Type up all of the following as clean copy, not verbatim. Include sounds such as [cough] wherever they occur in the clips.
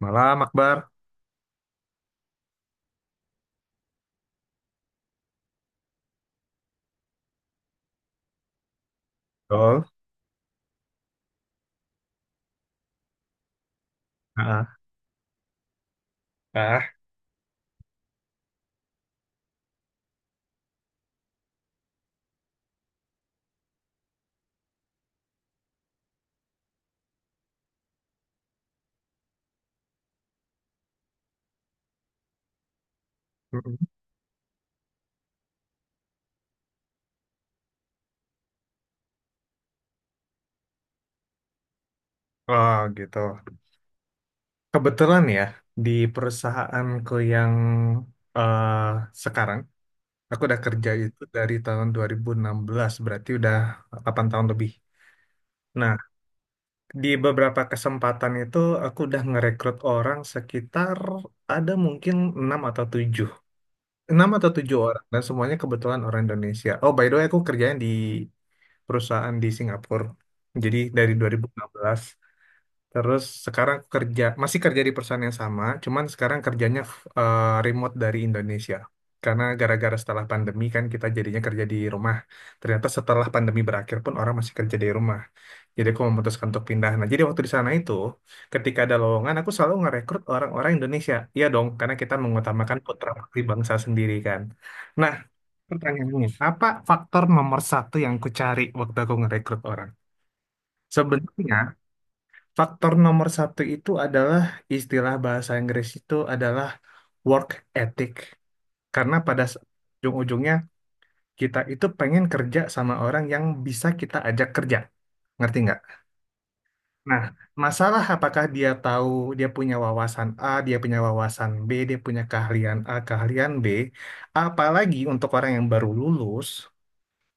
Malam, Akbar. Betul. Ah, Ah, mm, oh, gitu. Kebetulan ya, di perusahaanku yang eh, sekarang, aku udah kerja itu dari tahun 2016, berarti udah 8 tahun lebih. Nah, di beberapa kesempatan itu aku udah ngerekrut orang sekitar ada mungkin 6 atau 7, 6 atau tujuh orang, dan semuanya kebetulan orang Indonesia. Oh, by the way, aku kerjanya di perusahaan di Singapura. Jadi dari 2016. Terus sekarang aku kerja, masih kerja di perusahaan yang sama, cuman sekarang kerjanya remote dari Indonesia. Karena gara-gara setelah pandemi kan kita jadinya kerja di rumah. Ternyata setelah pandemi berakhir pun orang masih kerja di rumah. Jadi aku memutuskan untuk pindah. Nah, jadi waktu di sana itu, ketika ada lowongan, aku selalu ngerekrut orang-orang Indonesia. Iya dong, karena kita mengutamakan putra putri bangsa sendiri kan. Nah, pertanyaannya, apa faktor nomor satu yang ku cari waktu aku ngerekrut orang? Sebenarnya faktor nomor satu itu adalah istilah bahasa Inggris itu adalah work ethic. Karena pada ujung-ujungnya kita itu pengen kerja sama orang yang bisa kita ajak kerja. Ngerti nggak? Nah, masalah apakah dia tahu dia punya wawasan A, dia punya wawasan B, dia punya keahlian A, keahlian B. Apalagi untuk orang yang baru lulus,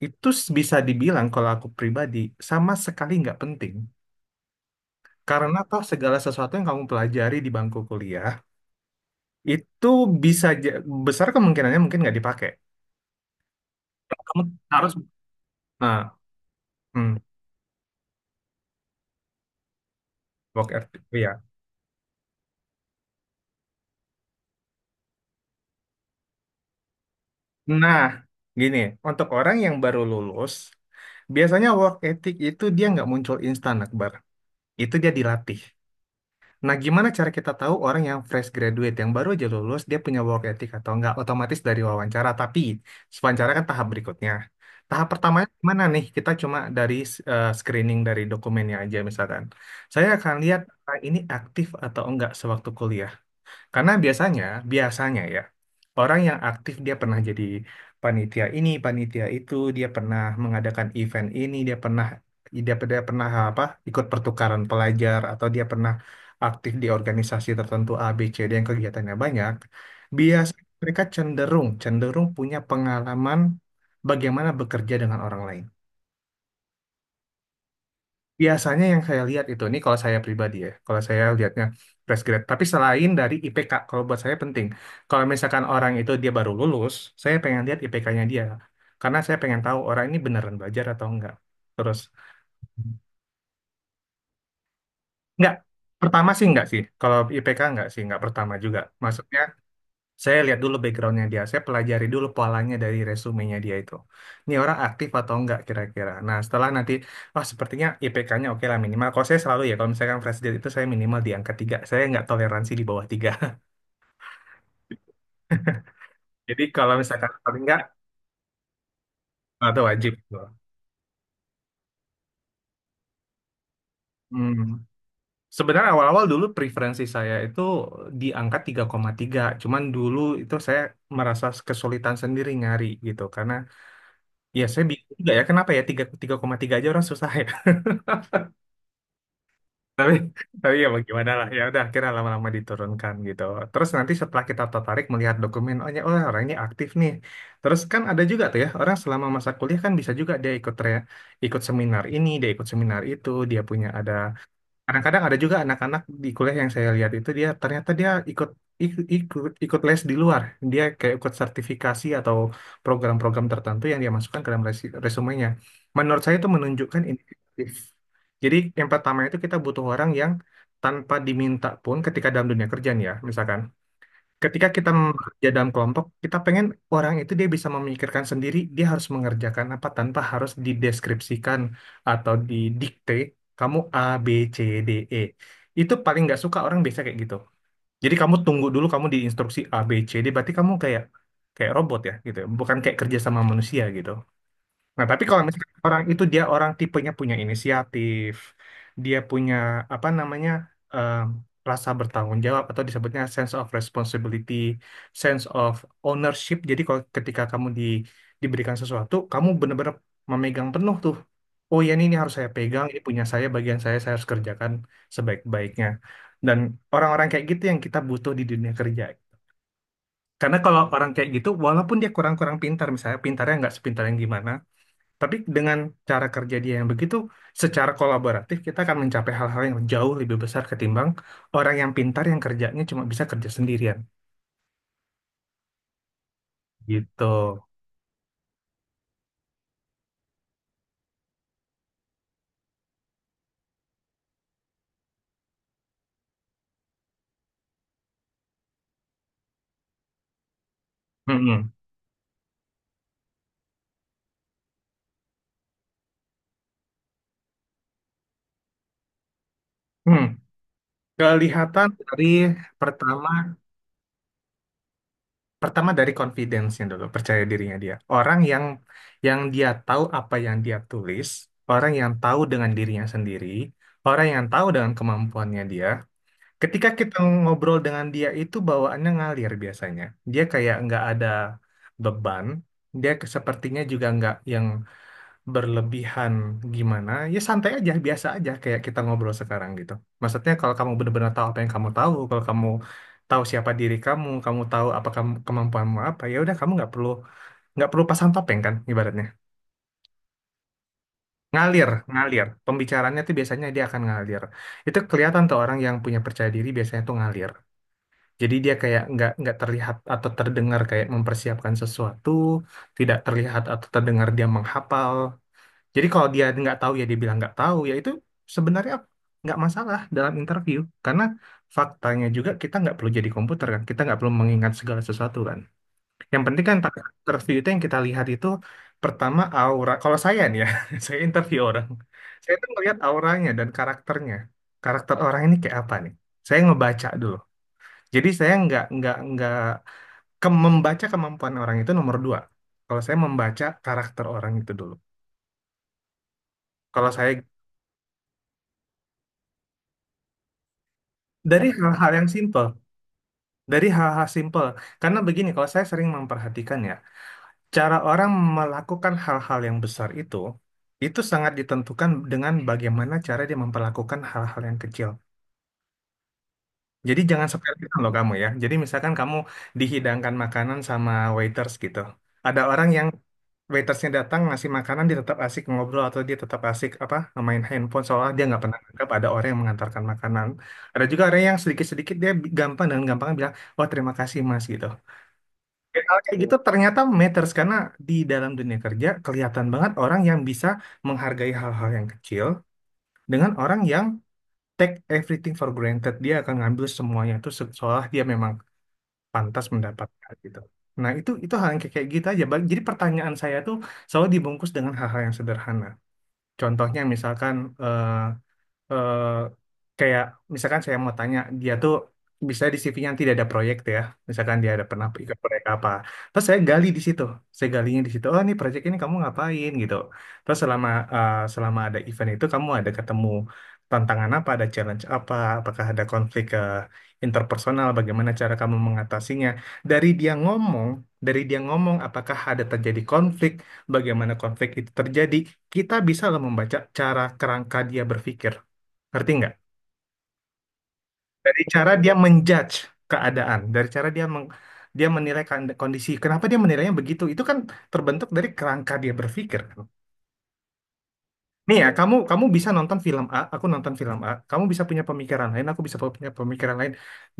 itu bisa dibilang kalau aku pribadi sama sekali nggak penting. Karena toh segala sesuatu yang kamu pelajari di bangku kuliah itu bisa ja- besar kemungkinannya mungkin nggak dipakai. Kamu harus nah, hmm, work ethic, ya. Nah, gini, untuk orang yang baru lulus, biasanya work ethic itu dia nggak muncul instan, Akbar. Itu dia dilatih. Nah, gimana cara kita tahu orang yang fresh graduate, yang baru aja lulus, dia punya work ethic atau enggak? Otomatis dari wawancara, tapi wawancara kan tahap berikutnya. Tahap pertamanya gimana nih? Kita cuma dari screening dari dokumennya aja misalkan. Saya akan lihat ini aktif atau enggak sewaktu kuliah. Karena biasanya, biasanya ya, orang yang aktif dia pernah jadi panitia ini, panitia itu, dia pernah mengadakan event ini, dia pernah dia pernah apa? Ikut pertukaran pelajar atau dia pernah aktif di organisasi tertentu A, B, C, D yang kegiatannya banyak. Hmm. Biasanya mereka cenderung cenderung punya pengalaman bagaimana bekerja dengan orang lain. Biasanya yang saya lihat itu, ini kalau saya pribadi ya, kalau saya lihatnya fresh grade, tapi selain dari IPK, kalau buat saya penting, kalau misalkan orang itu dia baru lulus, saya pengen lihat IPK-nya dia, karena saya pengen tahu orang ini beneran belajar atau enggak. Terus enggak, pertama sih enggak sih, kalau IPK enggak sih, enggak pertama juga maksudnya. Saya lihat dulu backgroundnya dia, saya pelajari dulu polanya dari resumenya dia itu. Ini orang aktif atau enggak kira-kira. Nah setelah nanti, oh sepertinya IPK-nya oke lah minimal. Kalau saya selalu ya, kalau misalkan fresh grade itu saya minimal di angka 3. Saya nggak toleransi di bawah tiga. [laughs] Jadi kalau misalkan paling enggak, atau wajib. Hmm. Sebenarnya awal-awal dulu preferensi saya itu di angka tiga koma tiga. Cuman dulu itu saya merasa kesulitan sendiri nyari gitu. Karena ya saya bingung juga ya, kenapa ya 3, 3,3 aja orang susah ya. tapi tapi ya bagaimana lah, ya udah akhirnya lama-lama diturunkan gitu. Terus nanti setelah kita tertarik melihat dokumen, oh ya, oh, orangnya aktif nih. Terus kan ada juga tuh ya, orang selama masa kuliah kan bisa juga dia ikut seminar ini, dia ikut seminar itu, dia punya ada. Kadang-kadang ada juga anak-anak di kuliah yang saya lihat itu dia ternyata dia ikut les di luar. Dia kayak ikut sertifikasi atau program-program tertentu yang dia masukkan ke dalam resumenya. Menurut saya itu menunjukkan inisiatif. Jadi yang pertama itu kita butuh orang yang tanpa diminta pun ketika dalam dunia kerja nih ya, misalkan ketika kita bekerja dalam kelompok, kita pengen orang itu dia bisa memikirkan sendiri, dia harus mengerjakan apa tanpa harus dideskripsikan atau didikte, kamu A, B, C, D, E. Itu paling nggak suka orang biasa kayak gitu. Jadi kamu tunggu dulu kamu diinstruksi A, B, C, D, berarti kamu kayak kayak robot ya gitu, ya, bukan kayak kerja sama manusia gitu. Nah, tapi kalau misalnya orang itu dia orang tipenya punya inisiatif, dia punya apa namanya em, rasa bertanggung jawab atau disebutnya sense of responsibility, sense of ownership. Jadi kalau ketika kamu di, diberikan sesuatu, kamu benar-benar memegang penuh tuh. Oh ya ini harus saya pegang, ini punya saya, bagian saya harus kerjakan sebaik-baiknya. Dan orang-orang kayak gitu yang kita butuh di dunia kerja. Karena kalau orang kayak gitu, walaupun dia kurang-kurang pintar, misalnya pintarnya nggak sepintar yang gimana, tapi dengan cara kerja dia yang begitu, secara kolaboratif kita akan mencapai hal-hal yang jauh lebih besar ketimbang orang yang pintar yang kerjanya cuma bisa kerja sendirian. Gitu. Mm-mm. Hmm. Kelihatan dari pertama pertama dari confidence-nya dulu, percaya dirinya dia. Orang yang dia tahu apa yang dia tulis, orang yang tahu dengan dirinya sendiri, orang yang tahu dengan kemampuannya dia, ketika kita ngobrol dengan dia itu bawaannya ngalir biasanya. Dia kayak nggak ada beban. Sepertinya juga nggak yang berlebihan gimana. Ya santai aja, biasa aja kayak kita ngobrol sekarang gitu. Maksudnya kalau kamu benar-benar tahu apa yang kamu tahu, kalau kamu tahu siapa diri kamu, kamu tahu apa kamu, kemampuanmu apa, ya udah kamu nggak perlu pasang topeng kan ibaratnya. Ngalir, ngalir. Pembicaranya tuh biasanya dia akan ngalir. Itu kelihatan tuh orang yang punya percaya diri biasanya tuh ngalir. Jadi dia kayak nggak terlihat atau terdengar kayak mempersiapkan sesuatu, tidak terlihat atau terdengar dia menghafal. Jadi kalau dia nggak tahu ya dia bilang nggak tahu, ya itu sebenarnya nggak masalah dalam interview. Karena faktanya juga kita nggak perlu jadi komputer kan, kita nggak perlu mengingat segala sesuatu kan. Yang penting kan pada interview itu yang kita lihat itu pertama aura. Kalau saya nih ya, [laughs] saya interview orang, saya tuh ngelihat auranya dan karakternya. Karakter orang ini kayak apa nih? Saya ngebaca dulu. Jadi saya nggak ke membaca kemampuan orang itu nomor dua. Kalau saya membaca karakter orang itu dulu. Kalau saya dari hal-hal yang simpel, dari hal-hal simpel. Karena begini, kalau saya sering memperhatikan ya, cara orang melakukan hal-hal yang besar itu sangat ditentukan dengan bagaimana cara dia memperlakukan hal-hal yang kecil. Jadi jangan sepelekan loh kamu ya. Jadi misalkan kamu dihidangkan makanan sama waiters gitu. Ada orang yang waitersnya datang ngasih makanan, dia tetap asik ngobrol, atau dia tetap asik apa, main handphone, soalnya dia nggak pernah anggap ada orang yang mengantarkan makanan. Ada juga orang yang sedikit-sedikit gampang, dengan gampang bilang, wah, terima kasih mas, gitu. Hal kayak gitu ternyata matters, karena di dalam dunia kerja kelihatan banget orang yang bisa menghargai hal-hal yang kecil dengan orang yang take everything for granted, dia akan ngambil semuanya itu seolah dia memang pantas mendapatkan gitu. Nah, itu hal yang kayak kayak gitu aja, Bang. Jadi pertanyaan saya tuh selalu dibungkus dengan hal-hal yang sederhana. Contohnya misalkan eh, eh, kayak misalkan saya mau tanya dia tuh, bisa di CV-nya nanti dia ada proyek tuh ya, misalkan dia ada pernah ikut proyek apa, terus saya gali di situ, saya galinya di situ, oh ini proyek ini kamu ngapain gitu, terus selama selama ada event itu kamu ada ketemu tantangan apa, ada challenge apa, apakah ada konflik interpersonal, bagaimana cara kamu mengatasinya. Dari dia ngomong, dari dia ngomong apakah ada terjadi konflik, bagaimana konflik itu terjadi, kita bisa loh membaca cara kerangka dia berpikir. Ngerti nggak? Dari cara dia menjudge keadaan, dari cara dia menilai kondisi. Kenapa dia menilainya begitu? Itu kan terbentuk dari kerangka dia berpikir, kan. Nih ya, kamu kamu bisa nonton film A, aku nonton film A. Kamu bisa punya pemikiran lain, aku bisa punya pemikiran lain.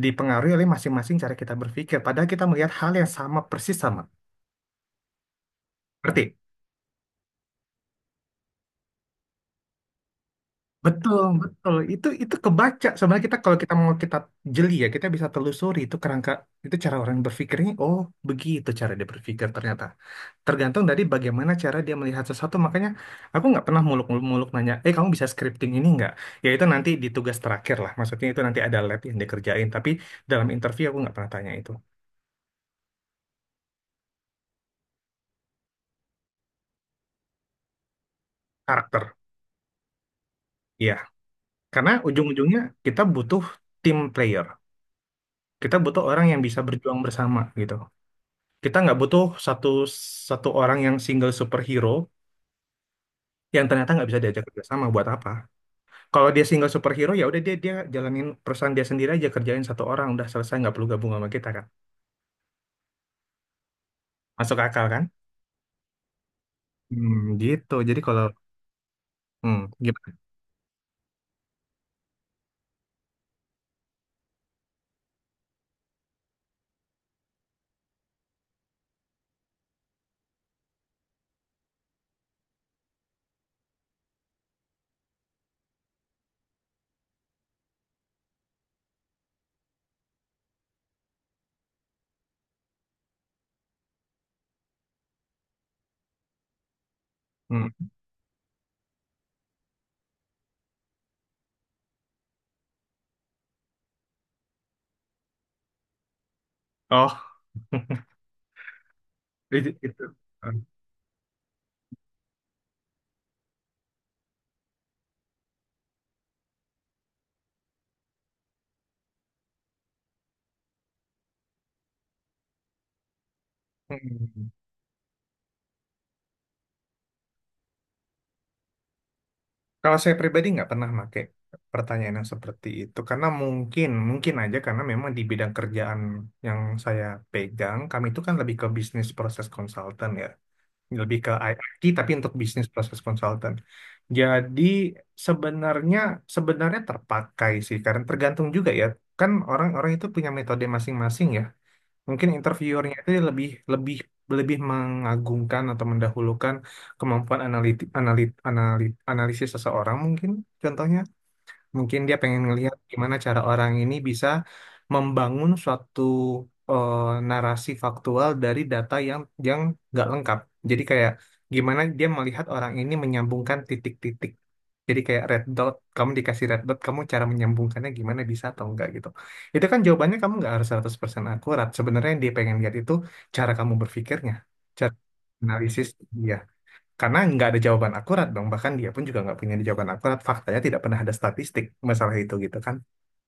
Dipengaruhi oleh masing-masing cara kita berpikir. Padahal kita melihat hal yang sama persis sama. Ngerti? Betul, betul. Itu kebaca. Sebenarnya kita kalau kita mau kita jeli ya, kita bisa telusuri itu kerangka, itu cara orang berpikirnya. Oh, begitu cara dia berpikir ternyata. Tergantung dari bagaimana cara dia melihat sesuatu, makanya aku nggak pernah muluk-muluk nanya, eh kamu bisa scripting ini nggak, ya itu nanti di tugas terakhir lah, maksudnya itu nanti ada lab yang dikerjain, tapi dalam interview aku nggak pernah tanya itu. Karakter ya, karena ujung-ujungnya kita butuh team player, kita butuh orang yang bisa berjuang bersama gitu. Kita nggak butuh satu satu orang yang single superhero yang ternyata nggak bisa diajak kerjasama, buat apa? Kalau dia single superhero ya udah dia, dia jalanin perusahaan dia sendiri aja, kerjain satu orang udah selesai, nggak perlu gabung sama kita kan. Masuk akal kan? Hmm, gitu. Jadi kalau hmm, gimana? Hmm. Oh, itu, itu. Hmm. Kalau saya pribadi nggak pernah pakai pertanyaan yang seperti itu, karena mungkin mungkin aja, karena memang di bidang kerjaan yang saya pegang, kami itu kan lebih ke bisnis proses konsultan ya, lebih ke IT, tapi untuk bisnis proses konsultan jadi sebenarnya, sebenarnya terpakai sih, karena tergantung juga ya, kan orang-orang itu punya metode masing-masing ya. Mungkin interviewernya itu lebih lebih lebih mengagungkan atau mendahulukan kemampuan analitik analit, analit, analisis seseorang mungkin. Contohnya, mungkin dia pengen ngelihat gimana cara orang ini bisa membangun suatu eh, narasi faktual dari data yang nggak lengkap. Jadi kayak gimana dia melihat orang ini menyambungkan titik-titik. Jadi kayak red dot, kamu dikasih red dot, kamu cara menyambungkannya gimana, bisa atau enggak gitu. Itu kan jawabannya kamu nggak harus 100% akurat. Sebenarnya yang dia pengen lihat itu cara kamu berpikirnya, cara analisis dia. Karena nggak ada jawaban akurat dong, bahkan dia pun juga nggak punya jawaban akurat. Faktanya tidak pernah ada statistik masalah itu gitu kan.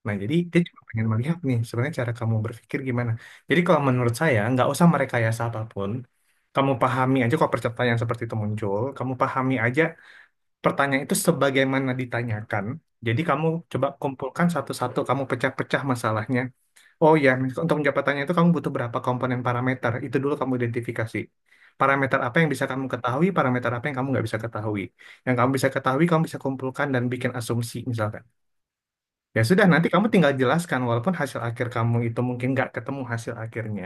Nah, jadi dia cuma pengen melihat nih sebenarnya cara kamu berpikir gimana. Jadi kalau menurut saya nggak usah merekayasa apapun. Kamu pahami aja kok pertanyaan seperti itu muncul. Kamu pahami aja pertanyaan itu sebagaimana ditanyakan. Jadi kamu coba kumpulkan satu-satu, kamu pecah-pecah masalahnya. Oh ya, untuk penjabatannya itu kamu butuh berapa komponen parameter. Itu dulu kamu identifikasi. Parameter apa yang bisa kamu ketahui, parameter apa yang kamu nggak bisa ketahui. Yang kamu bisa ketahui, kamu bisa kumpulkan dan bikin asumsi misalkan. Ya sudah, nanti kamu tinggal jelaskan walaupun hasil akhir kamu itu mungkin nggak ketemu hasil akhirnya.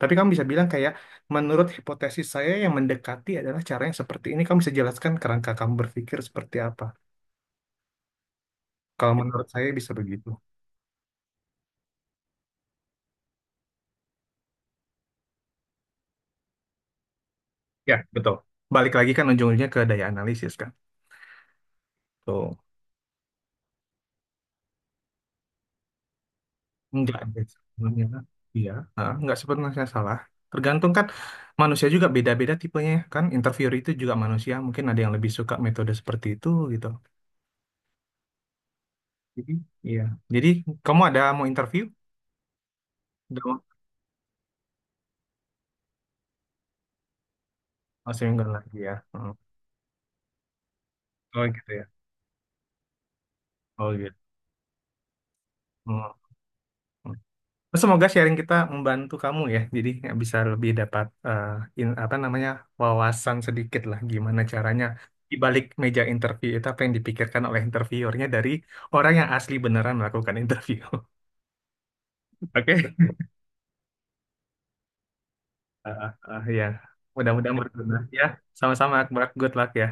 Tapi kamu bisa bilang kayak, menurut hipotesis saya yang mendekati adalah cara yang seperti ini. Kamu bisa jelaskan kerangka kamu berpikir seperti apa. Kalau menurut saya bisa begitu. Ya, betul. Balik lagi kan ujung-ujungnya ke daya analisis kan. Tuh. Enggak, guys. Alhamdulillah. Iya, heeh, enggak sepenuhnya salah. Tergantung kan manusia juga beda-beda tipenya ya, kan. Interviewer itu juga manusia, mungkin ada yang lebih suka metode seperti itu gitu. Jadi, iya. Jadi kamu ada mau interview? Udah mau? Oh, seminggu lagi ya. Heeh. Oh gitu ya. Oh gitu. Heeh. Oh, semoga sharing kita membantu kamu ya. Jadi nggak bisa lebih dapat apa namanya, wawasan sedikit lah gimana caranya di balik meja interview itu apa yang dipikirkan oleh interviewernya dari orang yang asli beneran melakukan interview. [laughs] Oke. Ah, ah, ah, ya. Mudah-mudahan berguna ya. Sama-sama Akbar, good luck ya.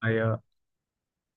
Ayo.